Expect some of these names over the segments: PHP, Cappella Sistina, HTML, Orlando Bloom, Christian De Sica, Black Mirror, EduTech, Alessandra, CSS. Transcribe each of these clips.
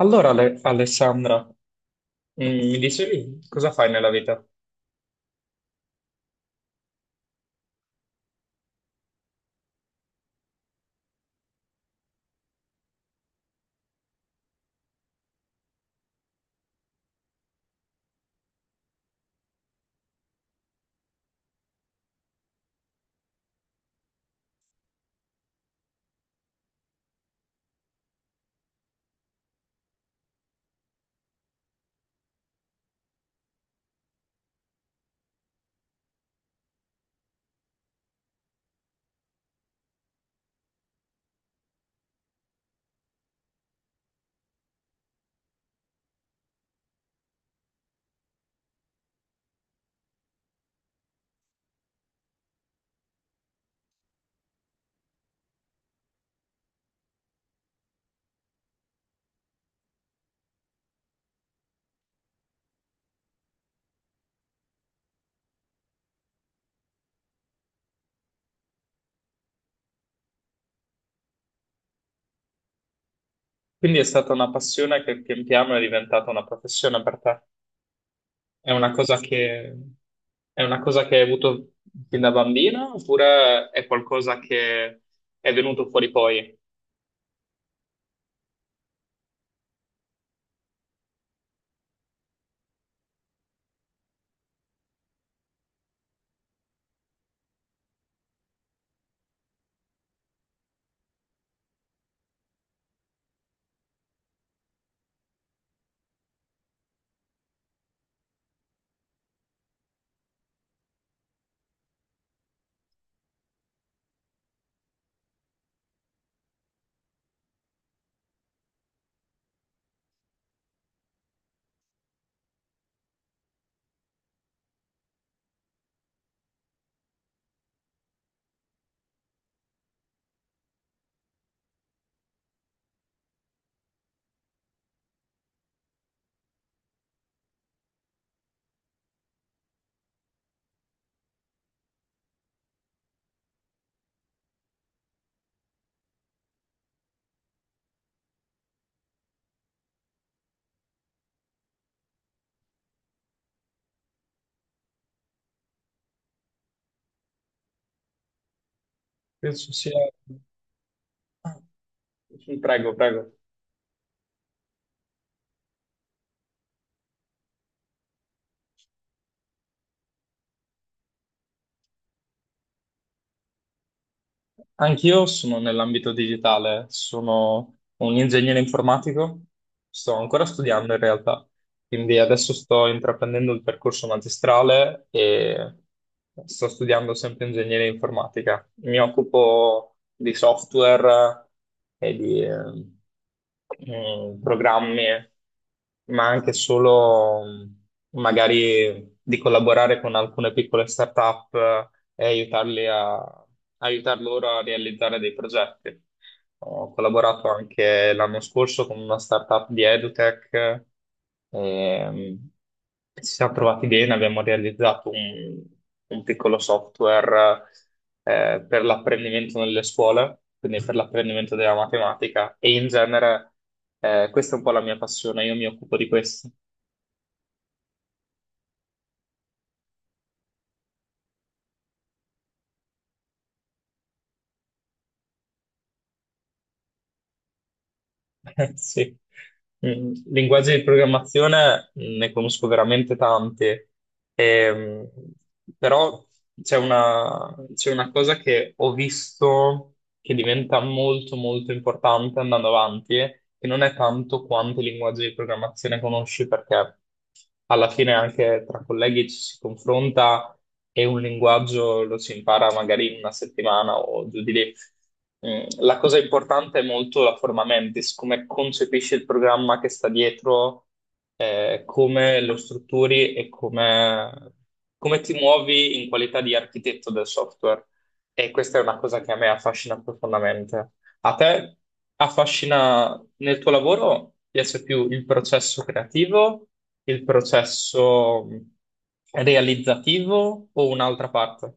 Allora, Alessandra, mi dicevi cosa fai nella vita? Quindi è stata una passione che pian piano è diventata una professione per te. È una cosa che, è una cosa che hai avuto fin da bambina oppure è qualcosa che è venuto fuori poi? Penso sia... Ah, sì, prego, prego. Anch'io sono nell'ambito digitale, sono un ingegnere informatico, sto ancora studiando in realtà, quindi adesso sto intraprendendo il percorso magistrale e sto studiando sempre ingegneria informatica. Mi occupo di software e di programmi, ma anche solo magari di collaborare con alcune piccole start-up e aiutar loro a realizzare dei progetti. Ho collaborato anche l'anno scorso con una startup di EduTech, ehm, ci siamo trovati bene, abbiamo realizzato un piccolo software per l'apprendimento nelle scuole, quindi per l'apprendimento della matematica e in genere questa è un po' la mia passione, io mi occupo di questo. Sì. Mm, linguaggi di programmazione ne conosco veramente tanti. Ehm, Però c'è una cosa che ho visto che diventa molto molto importante andando avanti, che non è tanto quanti linguaggi di programmazione conosci, perché alla fine anche tra colleghi ci si confronta e un linguaggio lo si impara magari in una settimana o giù di lì. Mm, la cosa importante è molto la forma mentis, come concepisci il programma che sta dietro, come lo strutturi e come ti muovi in qualità di architetto del software. E questa è una cosa che a me affascina profondamente. A te affascina nel tuo lavoro, piace più il processo creativo, il processo realizzativo o un'altra parte?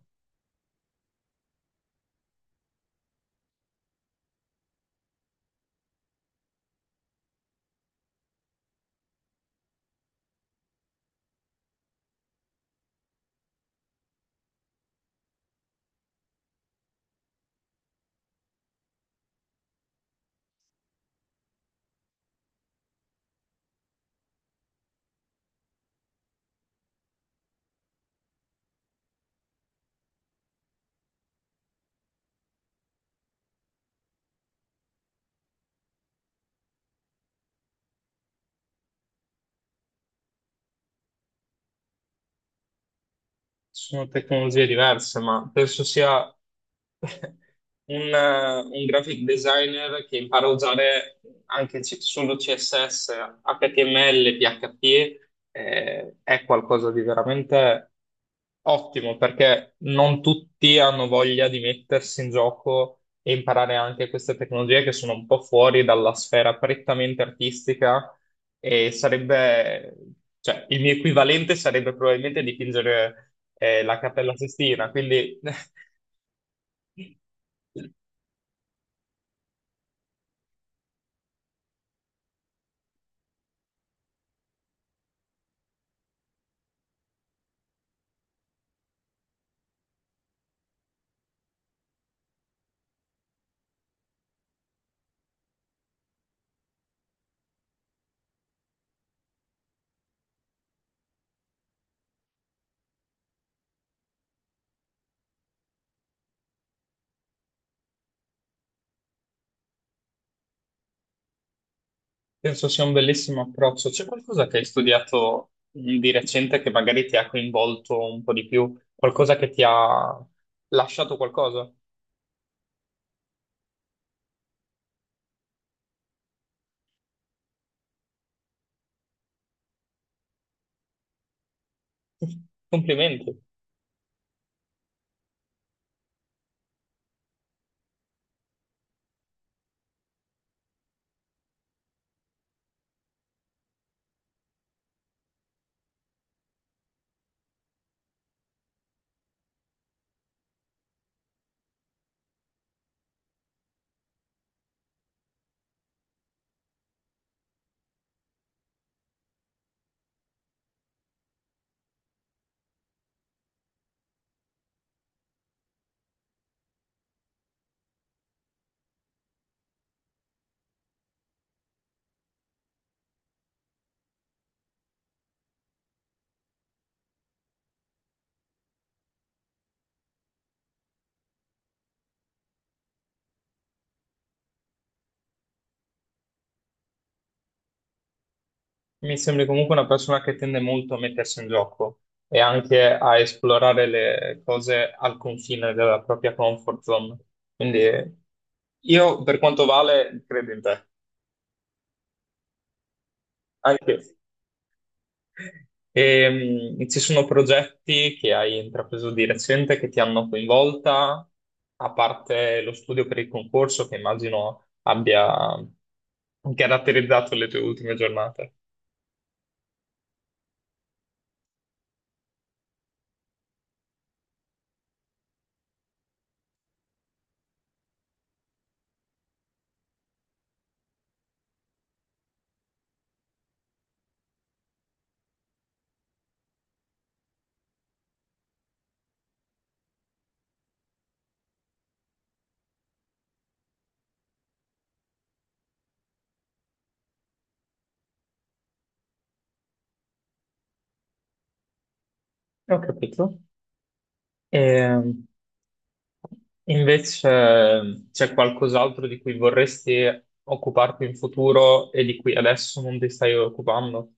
Sono tecnologie diverse, ma penso sia un graphic designer che impara a usare anche solo CSS, HTML, PHP, è qualcosa di veramente ottimo, perché non tutti hanno voglia di mettersi in gioco e imparare anche queste tecnologie che sono un po' fuori dalla sfera prettamente artistica e sarebbe, cioè, il mio equivalente sarebbe probabilmente dipingere la Cappella Sistina, quindi penso sia un bellissimo approccio. C'è qualcosa che hai studiato di recente che magari ti ha coinvolto un po' di più, qualcosa che ti ha lasciato qualcosa? Complimenti. Mi sembri comunque una persona che tende molto a mettersi in gioco e anche a esplorare le cose al confine della propria comfort zone. Quindi io, per quanto vale, credo in te. Anche io. Ci sono progetti che hai intrapreso di recente che ti hanno coinvolta, a parte lo studio per il concorso che immagino abbia caratterizzato le tue ultime giornate. Ho capito. Ehm, Invece c'è qualcos'altro di cui vorresti occuparti in futuro e di cui adesso non ti stai occupando?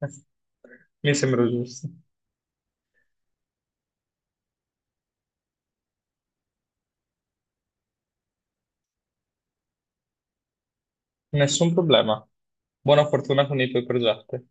Mi sembra giusto. Nessun problema. Buona fortuna con i tuoi progetti.